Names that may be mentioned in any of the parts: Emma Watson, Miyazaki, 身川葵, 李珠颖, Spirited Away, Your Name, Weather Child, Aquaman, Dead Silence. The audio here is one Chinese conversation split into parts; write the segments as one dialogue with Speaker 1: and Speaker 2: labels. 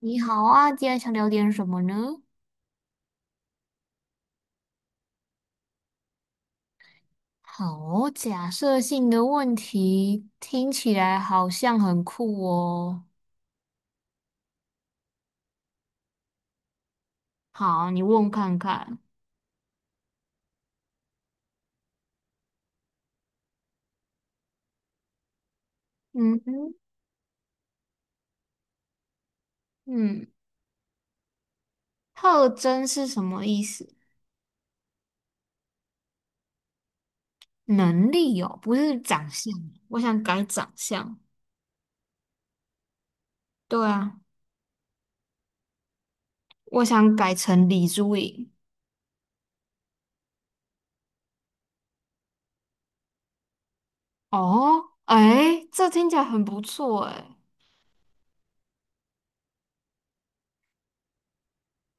Speaker 1: 你好啊，今天想聊点什么呢？好，假设性的问题听起来好像很酷哦。好，你问看看。嗯哼，嗯，特征是什么意思？能力哦，不是长相。我想改长相。对啊，我想改成李珠颖。哦，哎，这听起来很不错哎。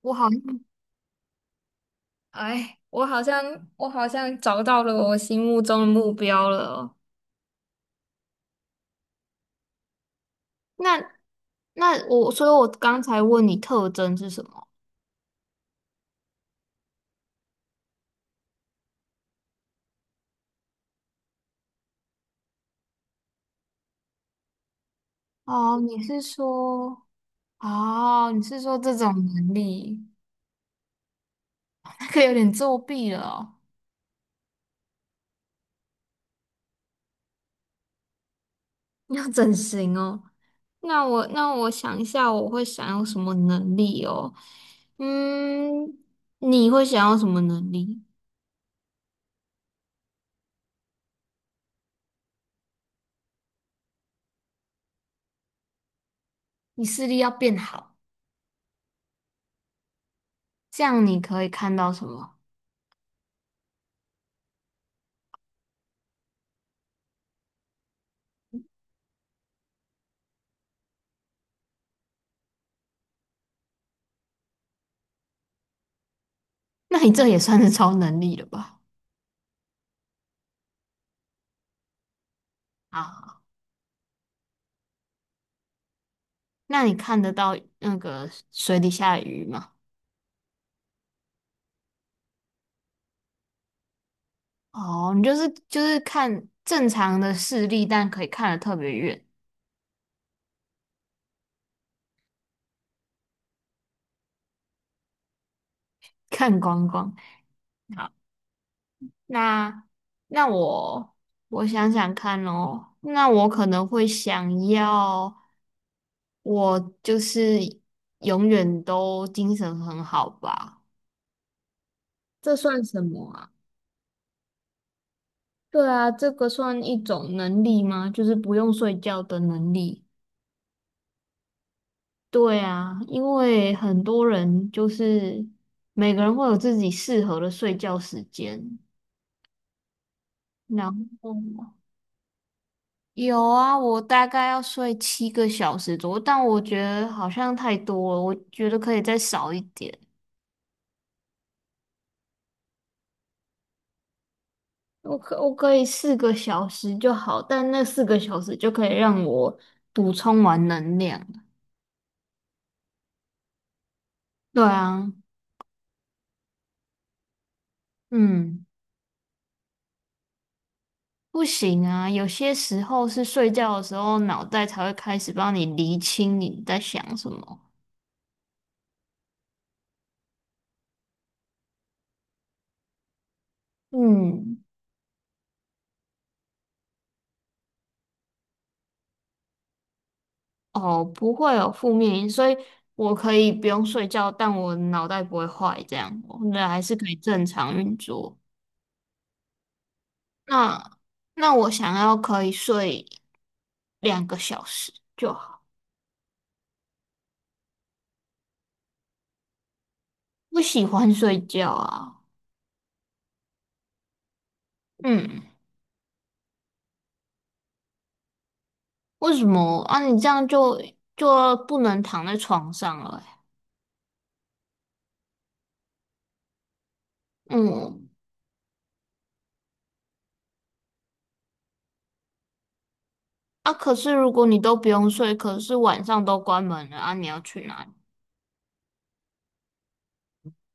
Speaker 1: 我好像，我好像，我好像找到了我心目中的目标了。那那我，所以我刚才问你特征是什么？哦，你是说，哦，你是说这种能力。那个有点作弊了哦。 要整形哦。那我想一下，我会想要什么能力哦？嗯，你会想要什么能力？你视力要变好，这样你可以看到什么？那你这也算是超能力了吧？啊，那你看得到那个水底下的鱼吗？哦，你就是看正常的视力，但可以看得特别远。看光光。好，那那我想想看哦。那我可能会想要，我就是永远都精神很好吧？这算什么啊？对啊，这个算一种能力吗？就是不用睡觉的能力。对啊，因为很多人就是每个人会有自己适合的睡觉时间。然后有啊，我大概要睡7个小时左右，但我觉得好像太多了，我觉得可以再少一点。我可以四个小时就好，但那四个小时就可以让我补充完能量。对啊，嗯，不行啊，有些时候是睡觉的时候，脑袋才会开始帮你厘清你在想什么。嗯。哦，不会有负面因，所以我可以不用睡觉，但我脑袋不会坏，这样我那还是可以正常运作。那那我想要可以睡2个小时就好，不喜欢睡觉啊。嗯，为什么啊？你这样就不能躺在床上了欸、嗯。啊，可是如果你都不用睡，可是晚上都关门了啊，你要去哪里？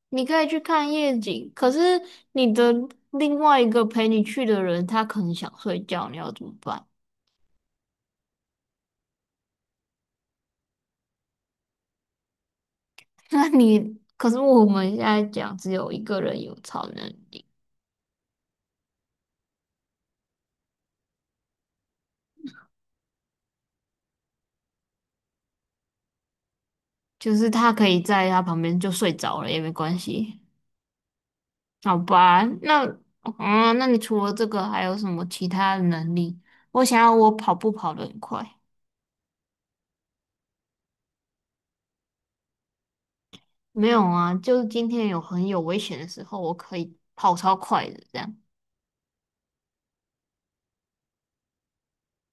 Speaker 1: 你可以去看夜景，可是你的另外一个陪你去的人，他可能想睡觉，你要怎么办？那你，可是我们现在讲只有一个人有超能力，就是他可以在他旁边就睡着了也没关系。好吧？啊，那你除了这个还有什么其他的能力？我想要跑步跑得很快。没有啊，就是今天很有危险的时候，我可以跑超快的这样。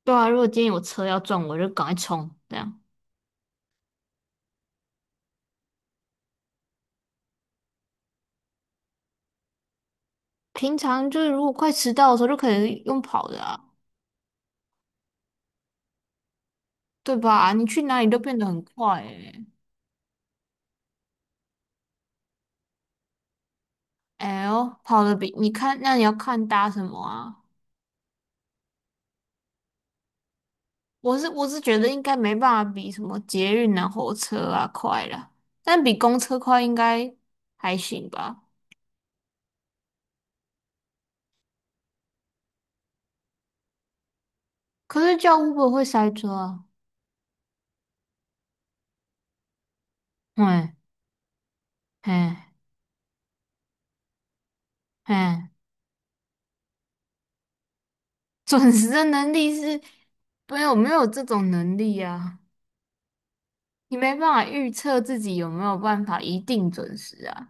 Speaker 1: 对啊，如果今天有车要撞我，就赶快冲这样。平常就是如果快迟到的时候，就可以用跑的啊，对吧？你去哪里都变得很快诶、哎呦，跑的比你看，那你要看搭什么啊？我是觉得应该没办法比什么捷运啊、火车啊快了，但比公车快应该还行吧。可是叫 Uber 会塞车啊。嗯嗯嗯。 准时的能力是没有这种能力啊，你没办法预测自己有没有办法一定准时啊。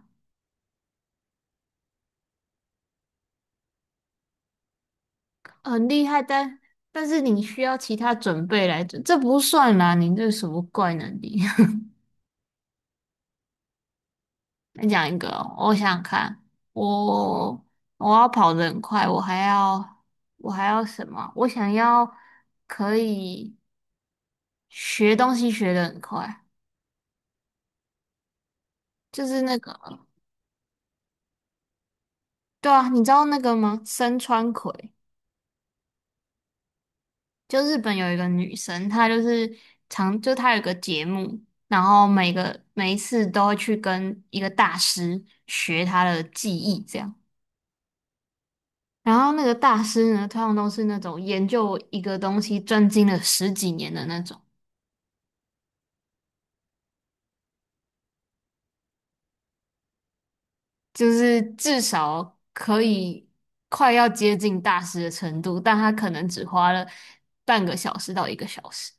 Speaker 1: 很厉害，但但是你需要其他准备来准，这不算啦，你这什么怪能力？再讲一个哦，我想想看。我我要跑得很快，我还要什么？我想要可以学东西学得很快，就是那个，对啊，你知道那个吗？身川葵。就日本有一个女生，她就是常，就她有一个节目，然后每一次都会去跟一个大师学她的技艺，这样。然后那个大师呢，通常都是那种研究一个东西专精了十几年的那种，就是至少可以快要接近大师的程度，但他可能只花了半个小时到一个小时。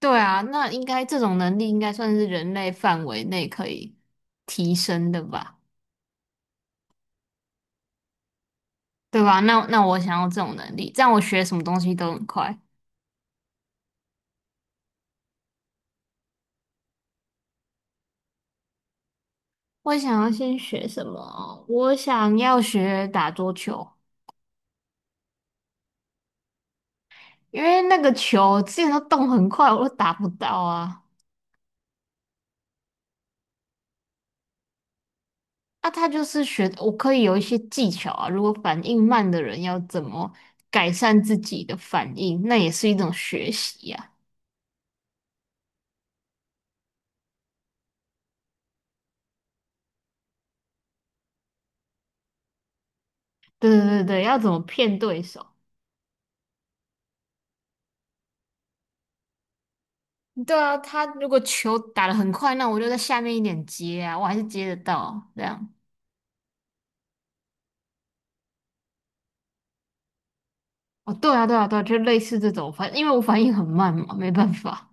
Speaker 1: 对啊，那应该这种能力应该算是人类范围内可以提升的吧。对吧？那我想要这种能力，这样我学什么东西都很快。我想要先学什么啊，我想要学打桌球，因为那个球之前都动很快，我都打不到啊。啊，他就是学，我可以有一些技巧啊。如果反应慢的人要怎么改善自己的反应，那也是一种学习呀、对对对对，要怎么骗对手？对啊，他如果球打得很快，那我就在下面一点接啊，我还是接得到啊这样。哦，对啊，对啊，对啊，就类似这种反，因为我反应很慢嘛，没办法，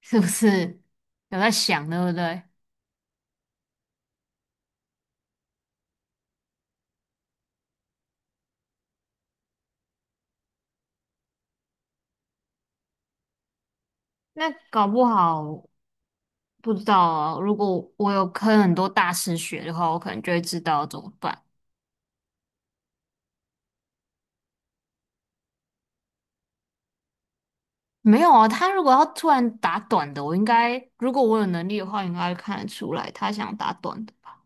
Speaker 1: 是不是？有在想，对不对？那搞不好不知道啊。如果我有跟很多大师学的话，我可能就会知道怎么办。没有啊，他如果要突然打短的，我应该，如果我有能力的话，应该看得出来他想打短的吧？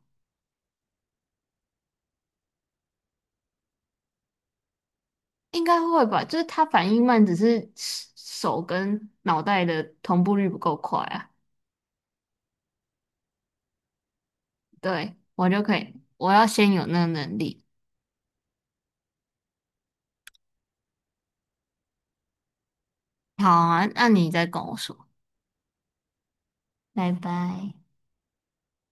Speaker 1: 应该会吧？就是他反应慢，只是手跟脑袋的同步率不够快啊。对，我就可以，我要先有那个能力。好啊，那你再跟我说，拜拜。